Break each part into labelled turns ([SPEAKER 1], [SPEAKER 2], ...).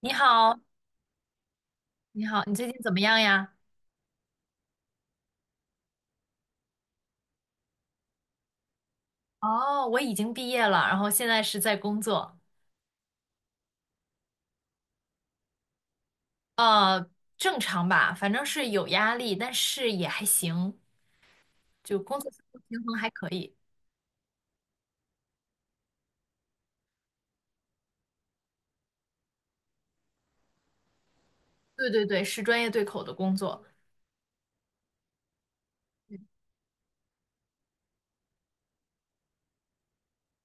[SPEAKER 1] 你好，你好，你最近怎么样呀？哦，我已经毕业了，然后现在是在工作。呃，正常吧，反正是有压力，但是也还行，就工作生活平衡还可以。对对对，是专业对口的工作。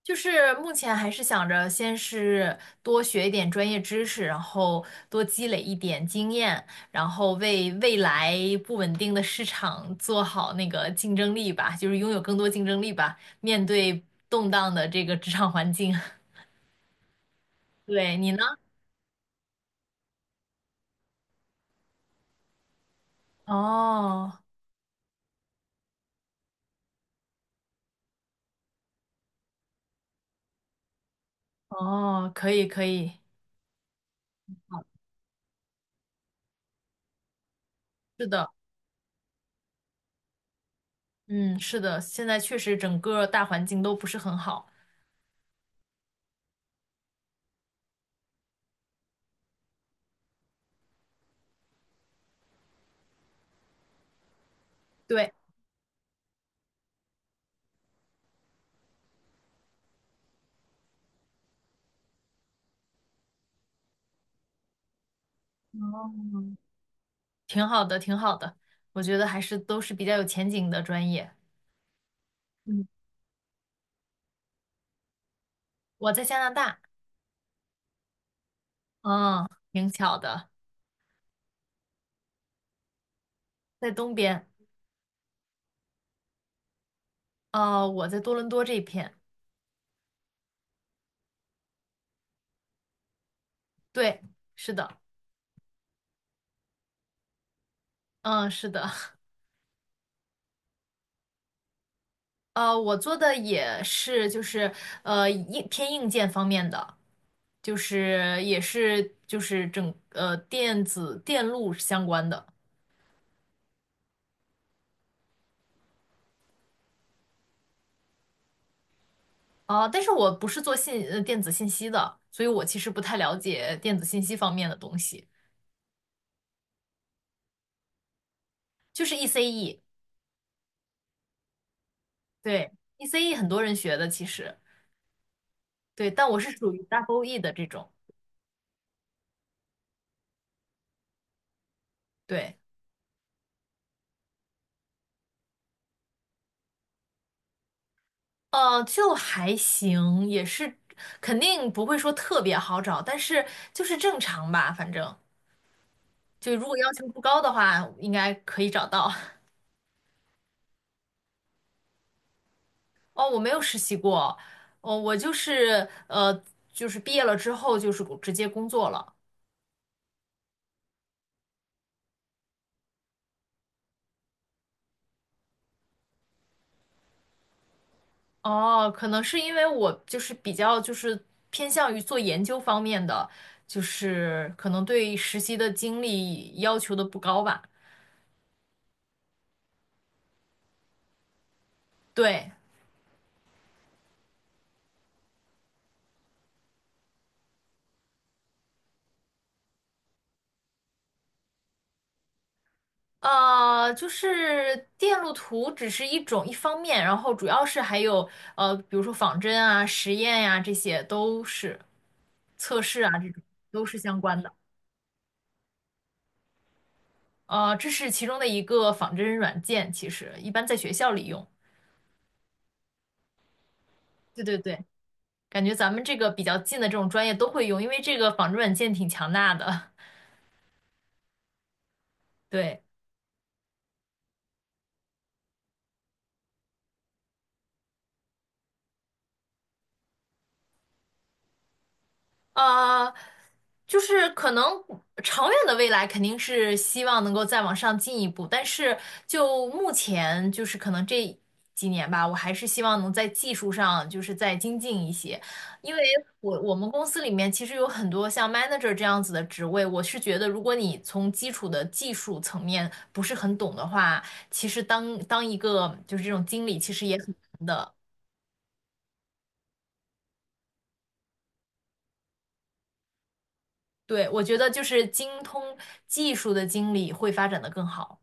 [SPEAKER 1] 就是目前还是想着先是多学一点专业知识，然后多积累一点经验，然后为未来不稳定的市场做好那个竞争力吧，就是拥有更多竞争力吧，面对动荡的这个职场环境。对，你呢？哦哦，可以可以，是的。嗯，是的，现在确实整个大环境都不是很好。对，哦，挺好的，挺好的，我觉得还是都是比较有前景的专业。嗯，我在加拿大。嗯，挺巧的，在东边。我在多伦多这片。对，是的。嗯，是的。我做的也是，就是硬偏硬件方面的，就是也是就是整电子电路相关的。啊，但是我不是做电子信息的，所以我其实不太了解电子信息方面的东西，就是 ECE。对，ECE 很多人学的其实。对，但我是属于 Double E 的这种。对，就还行，也是肯定不会说特别好找，但是就是正常吧，反正就如果要求不高的话，应该可以找到。哦，我没有实习过。哦，我就是呃，就是毕业了之后就是直接工作了。哦，可能是因为我就是比较就是偏向于做研究方面的，就是可能对实习的经历要求的不高吧。对。就是电路图只是一种一方面，然后主要是还有比如说仿真啊、实验呀、这些都是测试啊，这种都是相关的。这是其中的一个仿真软件，其实一般在学校里用。对对对，感觉咱们这个比较近的这种专业都会用，因为这个仿真软件挺强大的。对。呃，就是可能长远的未来肯定是希望能够再往上进一步，但是就目前就是可能这几年吧，我还是希望能在技术上就是再精进一些，因为我们公司里面其实有很多像 manager 这样子的职位，我是觉得如果你从基础的技术层面不是很懂的话，其实当一个就是这种经理其实也很难的。对，我觉得就是精通技术的经理会发展的更好。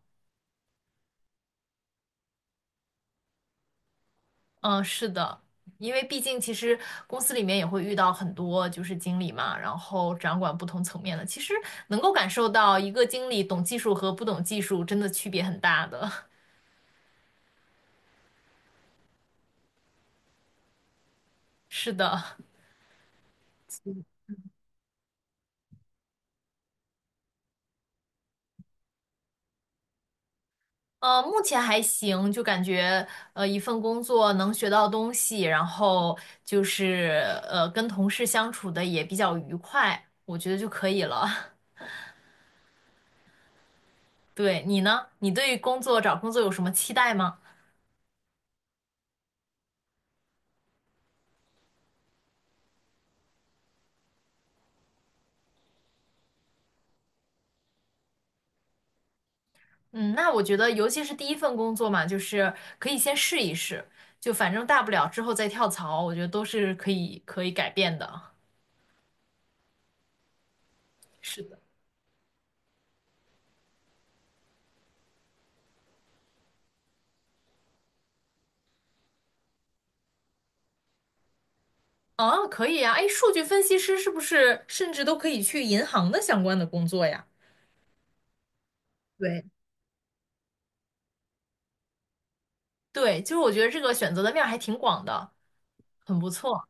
[SPEAKER 1] 嗯，是的，因为毕竟其实公司里面也会遇到很多就是经理嘛，然后掌管不同层面的，其实能够感受到一个经理懂技术和不懂技术真的区别很大的。是的，目前还行，就感觉一份工作能学到东西，然后就是跟同事相处的也比较愉快，我觉得就可以了。对，你呢？你对工作找工作有什么期待吗？嗯，那我觉得，尤其是第一份工作嘛，就是可以先试一试，就反正大不了之后再跳槽，我觉得都是可以改变的。是的，啊，可以啊，哎，数据分析师是不是甚至都可以去银行的相关的工作呀？对，对，就是我觉得这个选择的面儿还挺广的，很不错。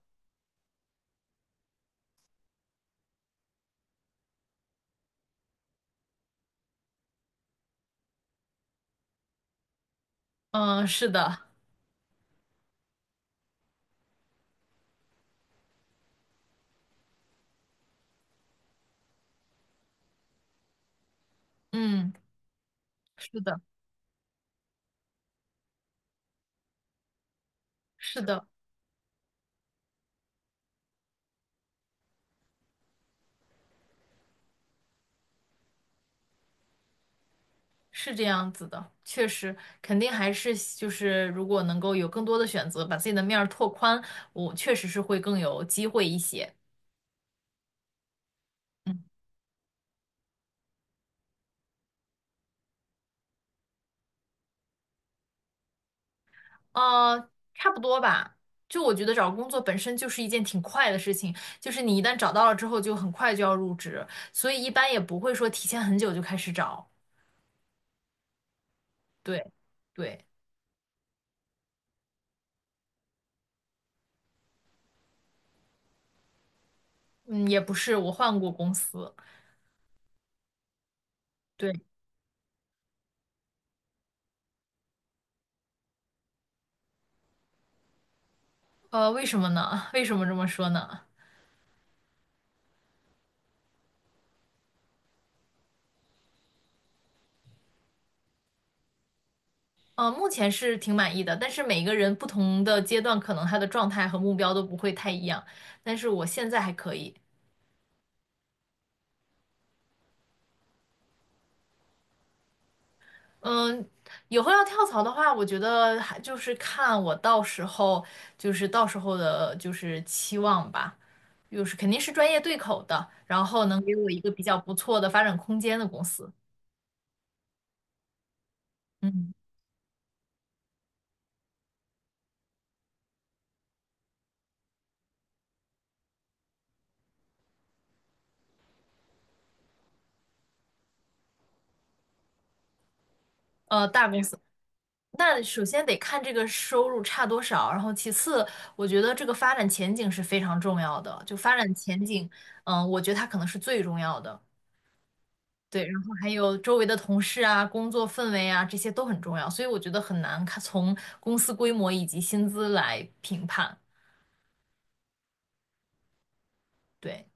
[SPEAKER 1] 嗯，是的。嗯，是的，是的。是这样子的，确实，肯定还是就是如果能够有更多的选择，把自己的面儿拓宽，我确实是会更有机会一些。嗯，差不多吧。就我觉得找工作本身就是一件挺快的事情，就是你一旦找到了之后，就很快就要入职，所以一般也不会说提前很久就开始找。对，对，嗯，也不是，我换过公司。对，为什么呢？为什么这么说呢？目前是挺满意的，但是每个人不同的阶段，可能他的状态和目标都不会太一样。但是我现在还可以。嗯，以后要跳槽的话，我觉得还就是看我到时候，就是到时候的，就是期望吧，就是肯定是专业对口的，然后能给我一个比较不错的发展空间的公司。嗯，大公司。那首先得看这个收入差多少，然后其次，我觉得这个发展前景是非常重要的。就发展前景，嗯，我觉得它可能是最重要的。对，然后还有周围的同事啊、工作氛围啊，这些都很重要。所以我觉得很难看从公司规模以及薪资来评判。对，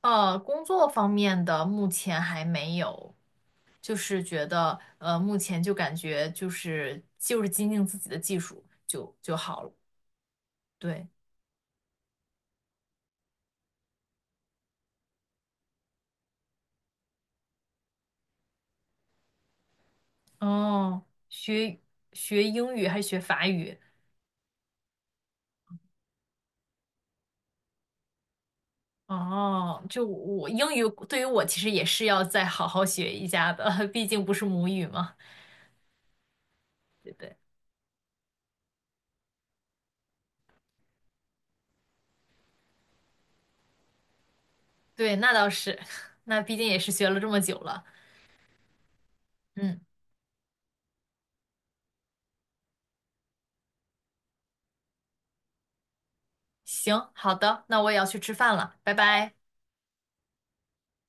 [SPEAKER 1] 工作方面的目前还没有，就是觉得目前就感觉就是精进自己的技术就好了。对。哦，学学英语还是学法语？哦，就我英语对于我其实也是要再好好学一下的，毕竟不是母语嘛，对不对？对，那倒是，那毕竟也是学了这么久了。嗯，行，好的，那我也要去吃饭了，拜拜。